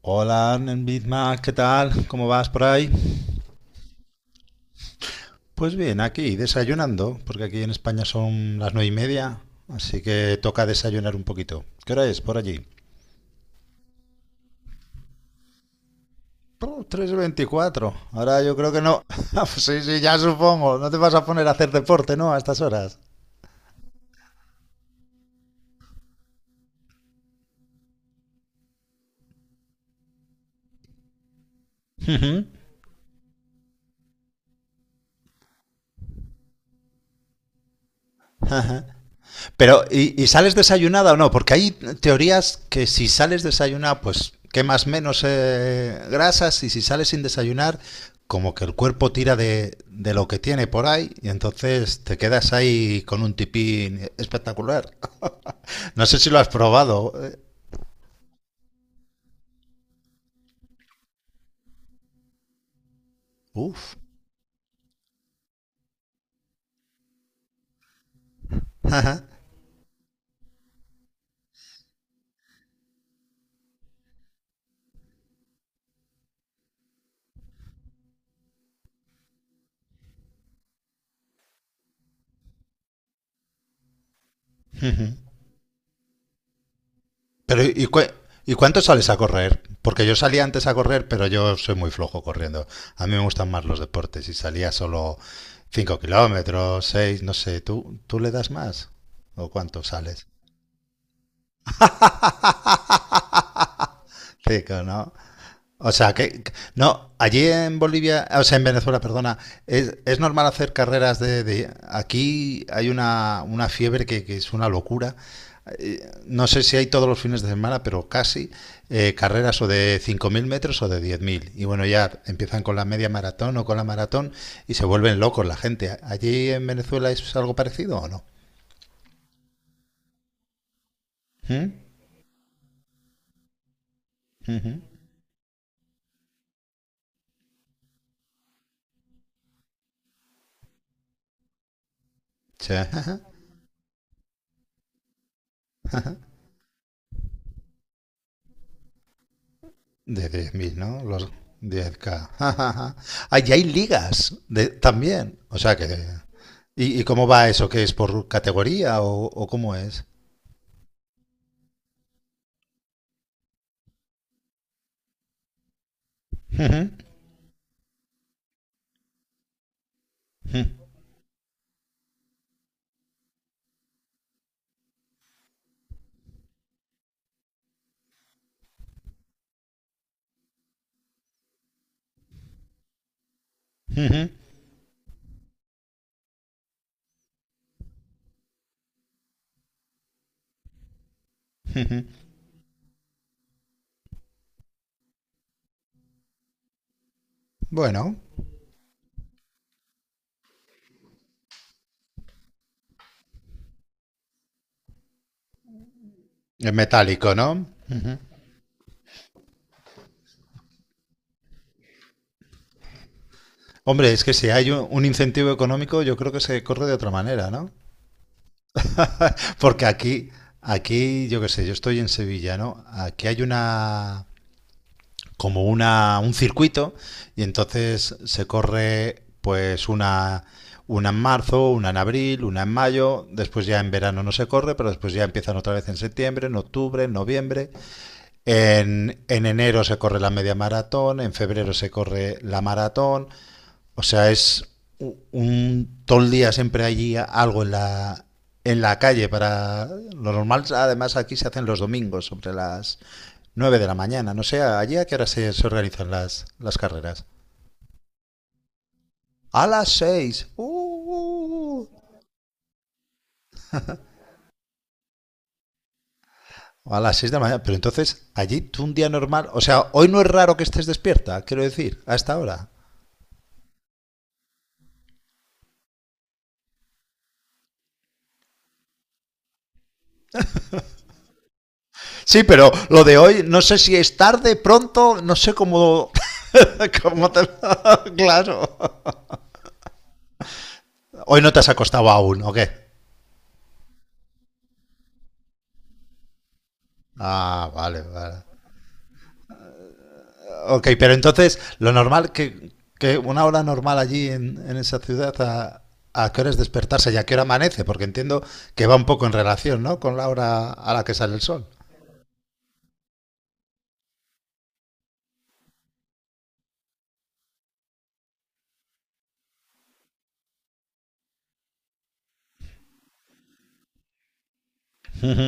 Hola, Bismarck, ¿qué tal? ¿Cómo vas por ahí? Pues bien, aquí desayunando, porque aquí en España son las 9:30, así que toca desayunar un poquito. ¿Qué hora es por allí? Oh, 3:24. Ahora yo creo que no. Ah, pues sí, sí, ya supongo. No te vas a poner a hacer deporte, ¿no? A estas horas. Ujú. Pero, ¿y sales desayunada o no? Porque hay teorías que si sales desayunada, pues quemas menos grasas, y si sales sin desayunar, como que el cuerpo tira de lo que tiene por ahí, y entonces te quedas ahí con un tipín espectacular. No sé si lo has probado. Uf. Pero ¿y cuánto sales a correr? Porque yo salía antes a correr, pero yo soy muy flojo corriendo. A mí me gustan más los deportes y salía solo 5 kilómetros, 6, no sé. ¿Tú le das más? ¿O cuánto sales? Cinco, ¿no? O sea, que... No, allí en Bolivia, o sea, en Venezuela, perdona, es normal hacer carreras aquí hay una fiebre que es una locura. No sé si hay todos los fines de semana, pero casi, carreras o de 5.000 metros o de 10.000. Y bueno, ya empiezan con la media maratón o con la maratón, y se vuelven locos la gente. ¿Allí en Venezuela es algo parecido o no? ¿Mm? Ujú. Sí. De 10.000, ¿no? Los 10K. Allí hay ligas también. O sea que... ¿Y cómo va eso? ¿Qué es por categoría o cómo es? Ujú. Ujú. Ujú. Bueno, es metálico, ¿no? Hombre, es que si hay un incentivo económico, yo creo que se corre de otra manera, ¿no? Porque aquí, yo qué sé, yo estoy en Sevilla, ¿no? Aquí hay una como una un circuito, y entonces se corre pues una en marzo, una en abril, una en mayo; después ya en verano no se corre, pero después ya empiezan otra vez en septiembre, en octubre, en noviembre, en enero se corre la media maratón, en febrero se corre la maratón. O sea, es un todo el día, siempre allí algo en la calle. Para lo normal, además, aquí se hacen los domingos sobre las 9 de la mañana. No sé allí a qué hora se organizan las carreras. ¡A las 6! ¡Uh! Uh, uh. A las seis de la mañana. Pero entonces allí, tú, un día normal, o sea, hoy no es raro que estés despierta, quiero decir, a esta hora. Sí, pero lo de hoy no sé si es tarde, pronto, no sé cómo te... Claro. Hoy no te has acostado aún, ¿o qué? Ah, vale, vale. Ok, pero entonces, lo normal, que una hora normal allí en esa ciudad, a qué hora es despertarse y a qué hora amanece? Porque entiendo que va un poco en relación, ¿no? Con la hora a la que sale el sol. Ujú,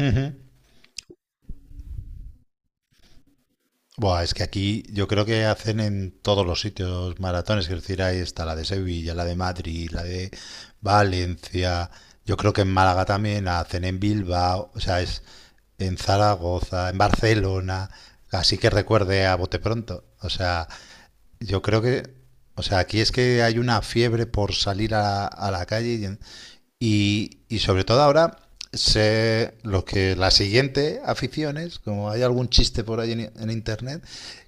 ujú. Buah, es que aquí yo creo que hacen en todos los sitios maratones, es decir, ahí está la de Sevilla, la de Madrid, la de Valencia, yo creo que en Málaga también la hacen, en Bilbao, o sea, es en Zaragoza, en Barcelona, así que recuerde a bote pronto, o sea, yo creo que, o sea, aquí es que hay una fiebre por salir a la calle y sobre todo ahora los que la siguiente aficiones, como hay algún chiste por ahí en internet,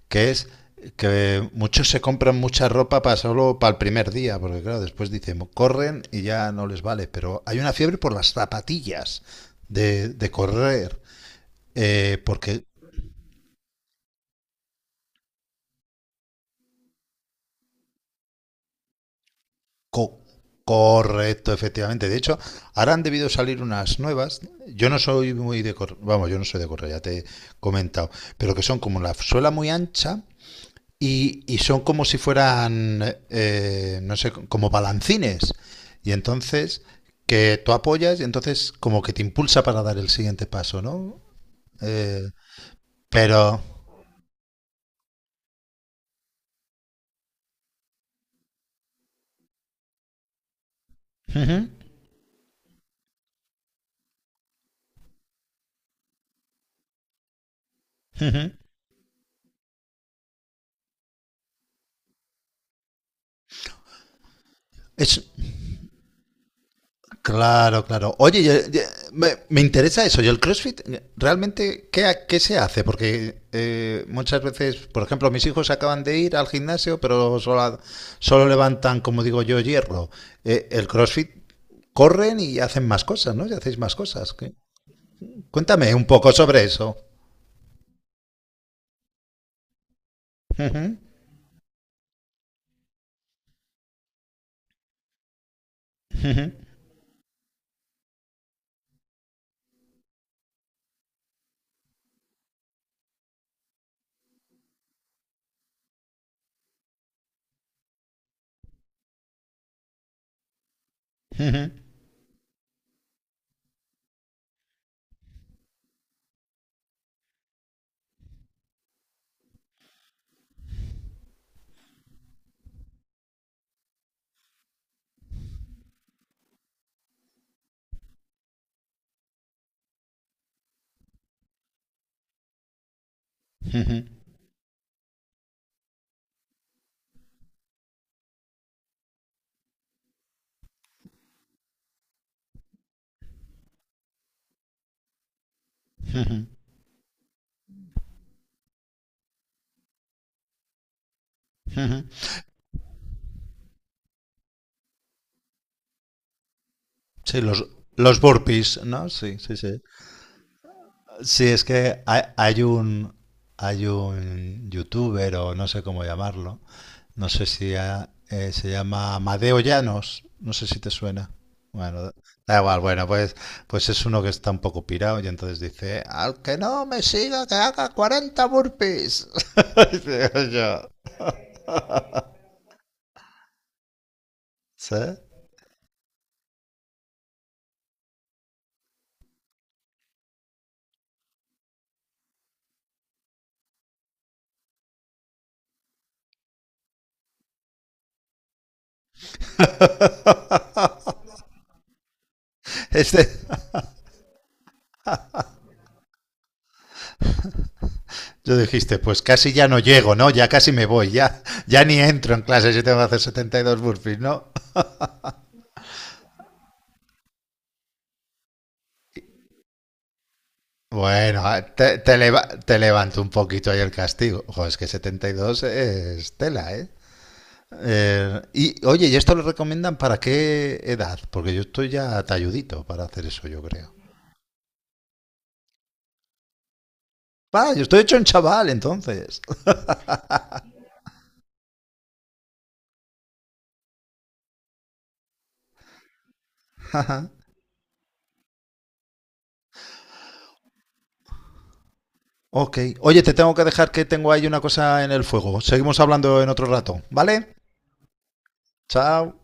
que es que muchos se compran mucha ropa para, solo para el primer día, porque claro, después dicen, corren y ya no les vale, pero hay una fiebre por las zapatillas de correr, porque... Co- correcto, efectivamente. De hecho, ahora han debido salir unas nuevas. Yo no soy muy de correr, vamos, yo no soy de correr, ya te he comentado, pero que son como la suela muy ancha, y son como si fueran, no sé, como balancines. Y entonces que tú apoyas y entonces como que te impulsa para dar el siguiente paso, ¿no? Eh, pero... Ujú, ujú. Es, Claro, claro. Oye, me interesa eso. Yo el CrossFit, realmente, qué se hace? Porque muchas veces, por ejemplo, mis hijos acaban de ir al gimnasio, pero solo, solo levantan, como digo yo, hierro. El CrossFit corren y hacen más cosas, ¿no? Y hacéis más cosas. Cuéntame un poco sobre eso. Ujú, ujú, ujú, ujú, ujú, ujú. Sí, los burpees, ¿no? Sí, sí, sí. Sí, es que hay, hay un youtuber o no sé cómo llamarlo, no sé si se llama Amadeo Llanos, no sé si te suena. Bueno, da igual, bueno, pues es uno que está un poco pirado y entonces dice, al que no me siga que haga 40 burpees. Dice, yo, ¿sí? Este- yo dijiste, pues casi ya no llego, ¿no? Ya casi me voy, ya ni entro en clase si tengo que hacer 72 burpees, ¿no? Bueno, te levanto un poquito ahí el castigo. Ojo, es que 72 es tela, ¿eh? Y oye, ¿y esto lo recomiendan para qué edad? Porque yo estoy ya talludito para hacer eso, yo creo. Ah, yo estoy hecho un chaval, entonces. Ajá. Ok. Oye, te tengo que dejar que tengo ahí una cosa en el fuego. Seguimos hablando en otro rato, ¿vale? Chao.